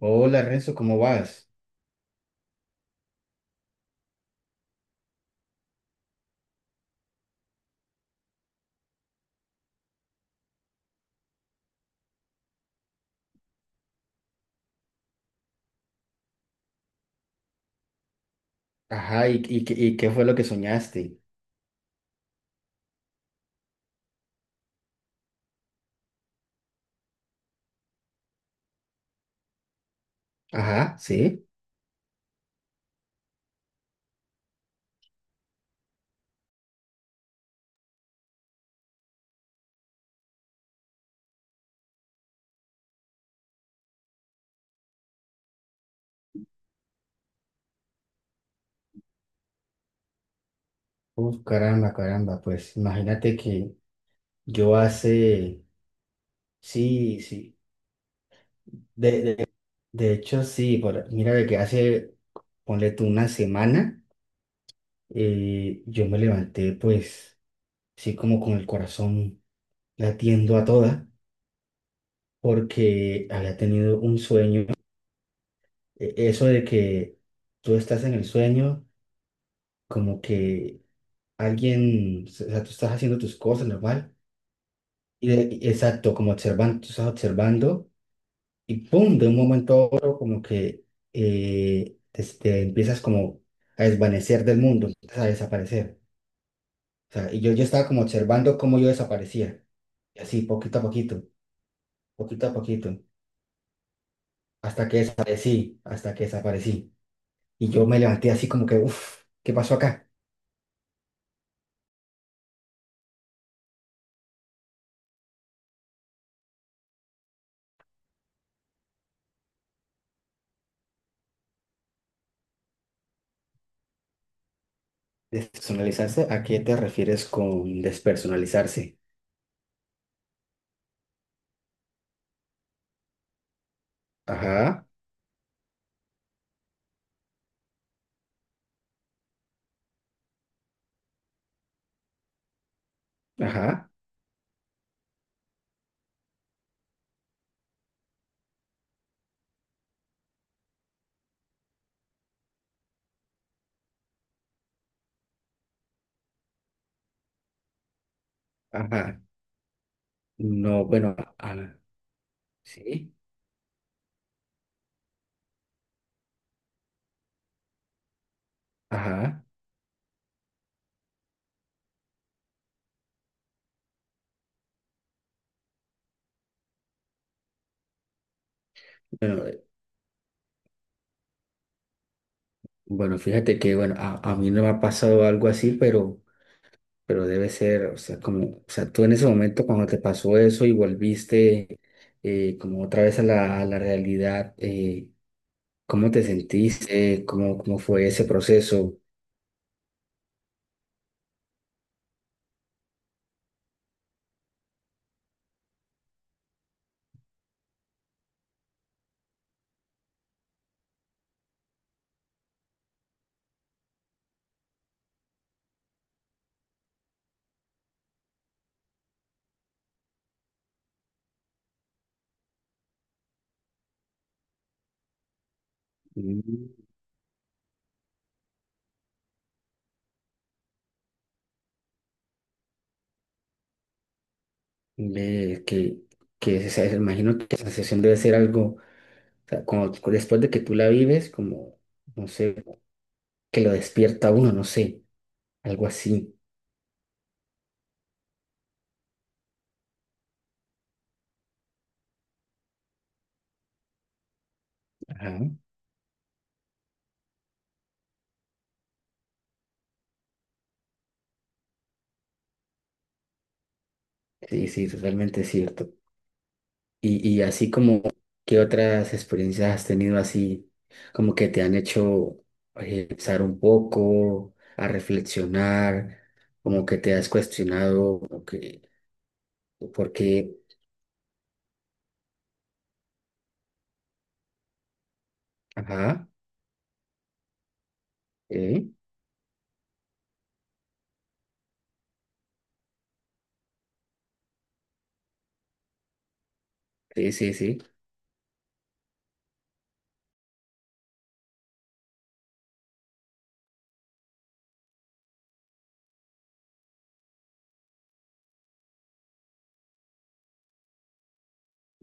Hola, Renzo, ¿cómo vas? Ajá, ¿y, qué fue lo que soñaste? Ajá, sí. Uf, caramba, caramba, pues imagínate que yo hace, sí, sí, de, de, de hecho sí, por- mira de que hace, ponle tú una semana, yo me levanté pues, sí, como con el corazón latiendo a toda, porque había tenido un sueño, e- eso de que tú estás en el sueño, como que alguien, o sea, tú estás haciendo tus cosas normal, y de- y- exacto, como observando, tú estás observando, y pum, de un momento a otro, como que te empiezas como a desvanecer del mundo, empiezas a desaparecer. O sea, yo estaba como observando cómo yo desaparecía, y así, poquito a poquito, hasta que desaparecí, hasta que desaparecí. Y yo me levanté así como que, uff, ¿qué pasó acá? Despersonalizarse, ¿a qué te refieres con despersonalizarse? Ajá, ajá. Ajá. No, bueno, ah, sí. Ajá. Bueno, bueno, fíjate que, bueno, a mí no me ha pasado algo así, pero debe ser, o sea, como, o sea, tú en ese momento cuando te pasó eso y volviste como otra vez a la realidad, ¿cómo te sentiste? ¿Cómo, cómo fue ese proceso? Mm, ve que, o sea, imagino que esa sensación debe ser algo, o sea, cuando- después de que tú la vives, como, no sé, que lo despierta a uno, no sé. Algo así. Ajá. Sí, sí, totalmente cierto. Y así como, ¿qué otras experiencias has tenido así, como que te han hecho pensar un poco, a reflexionar, como que te has cuestionado, como que, por qué? Ajá, eh, sí, sí, sí,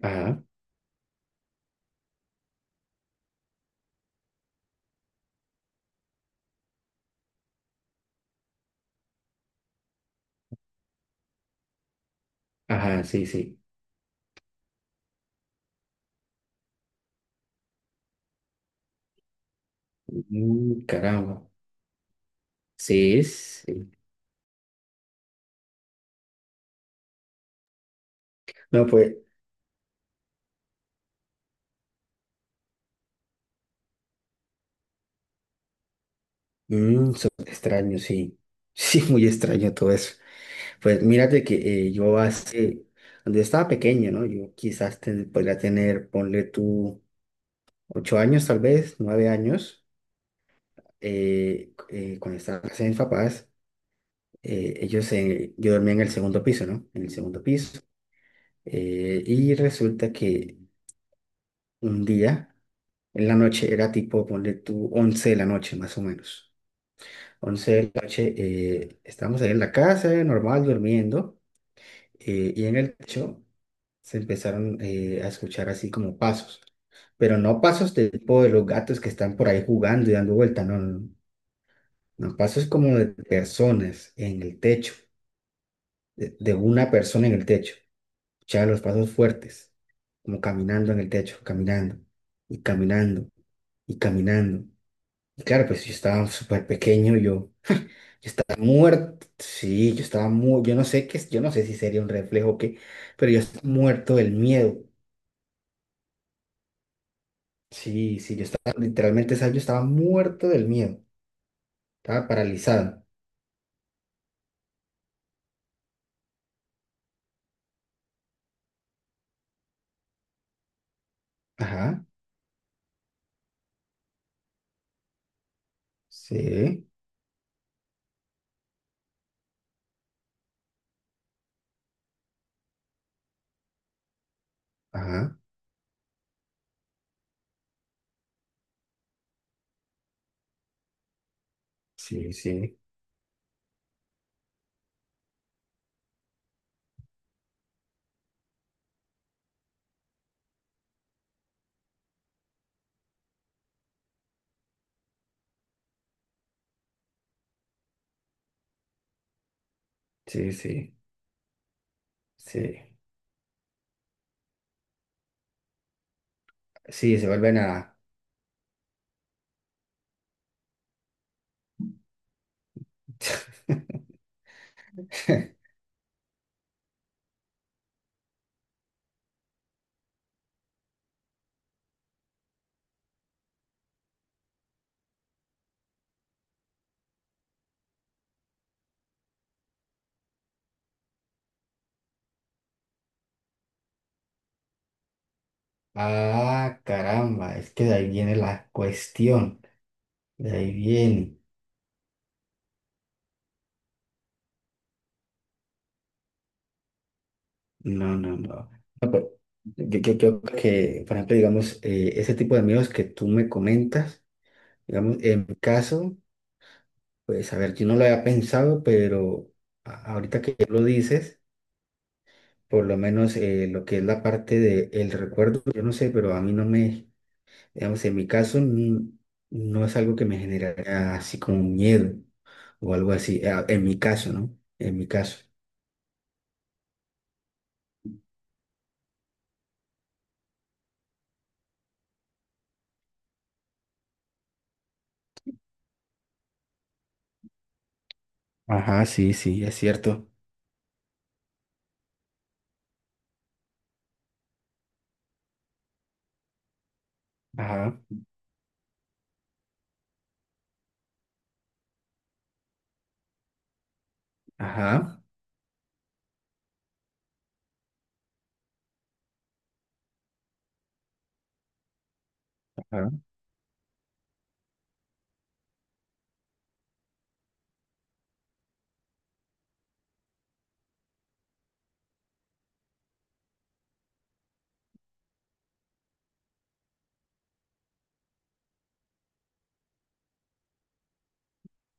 ajá, ajá, sí, sí. Mm, caramba, sí, sí. No, pues, mm, so- extraño, sí, sí, muy extraño todo eso. Pues mírate que yo hace, cuando yo estaba pequeño, ¿no? Yo quizás ten- podría tener, ponle tú, 8 años tal vez, 9 años, cuando estaba en casa de mis papás, ellos, yo dormía en el segundo piso, ¿no? En el segundo piso. Y resulta que un día, en la noche, era tipo, ponle tú, 11 de la noche más o menos. 11 de la noche, estábamos ahí en la casa, normal, durmiendo. Y en el techo se empezaron a escuchar así como pasos, pero no pasos de tipo de los gatos que están por ahí jugando y dando vuelta, no, no, no, pasos como de personas en el techo, de una persona en el techo, escuchaba los pasos fuertes, como caminando en el techo, caminando y caminando y caminando. Y claro, pues yo estaba súper pequeño, yo estaba muerto, sí, yo estaba muy, yo no sé qué, es- yo no sé si sería un reflejo o qué, pero yo estaba muerto del miedo. Sí, sí, yo estaba, literalmente, ¿sabes? Yo estaba muerto del miedo, estaba paralizado. Ajá, sí, ajá, sí, sí, sí, sí, sí, sí, se vuelven a... Ah, caramba, es que de ahí viene la cuestión, de ahí viene. No, no, no. No, pero yo creo que, por ejemplo, digamos, ese tipo de miedos que tú me comentas, digamos, en mi caso, pues, a ver, yo no lo había pensado, pero a- ahorita que lo dices por lo menos lo que es la parte del recuerdo, yo no sé, pero a mí no me, digamos, en mi caso mm, no es algo que me generaría así como un miedo o algo así, en mi caso, ¿no? En mi caso. Ajá, sí, sí, es cierto. Ajá, ajá, ajá.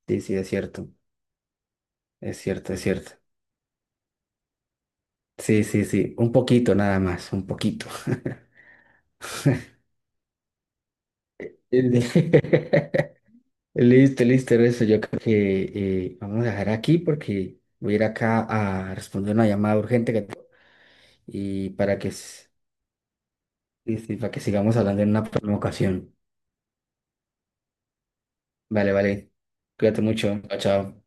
Sí, sí, es cierto, es cierto, es cierto. Sí, sí, sí, un poquito nada más, un poquito. Listo, listo, eso yo creo que vamos a dejar aquí porque voy a ir acá a responder una llamada urgente que tengo y para que, s- y para que sigamos hablando en una próxima ocasión. Vale, vale. Cuídate mucho. Chao, chao.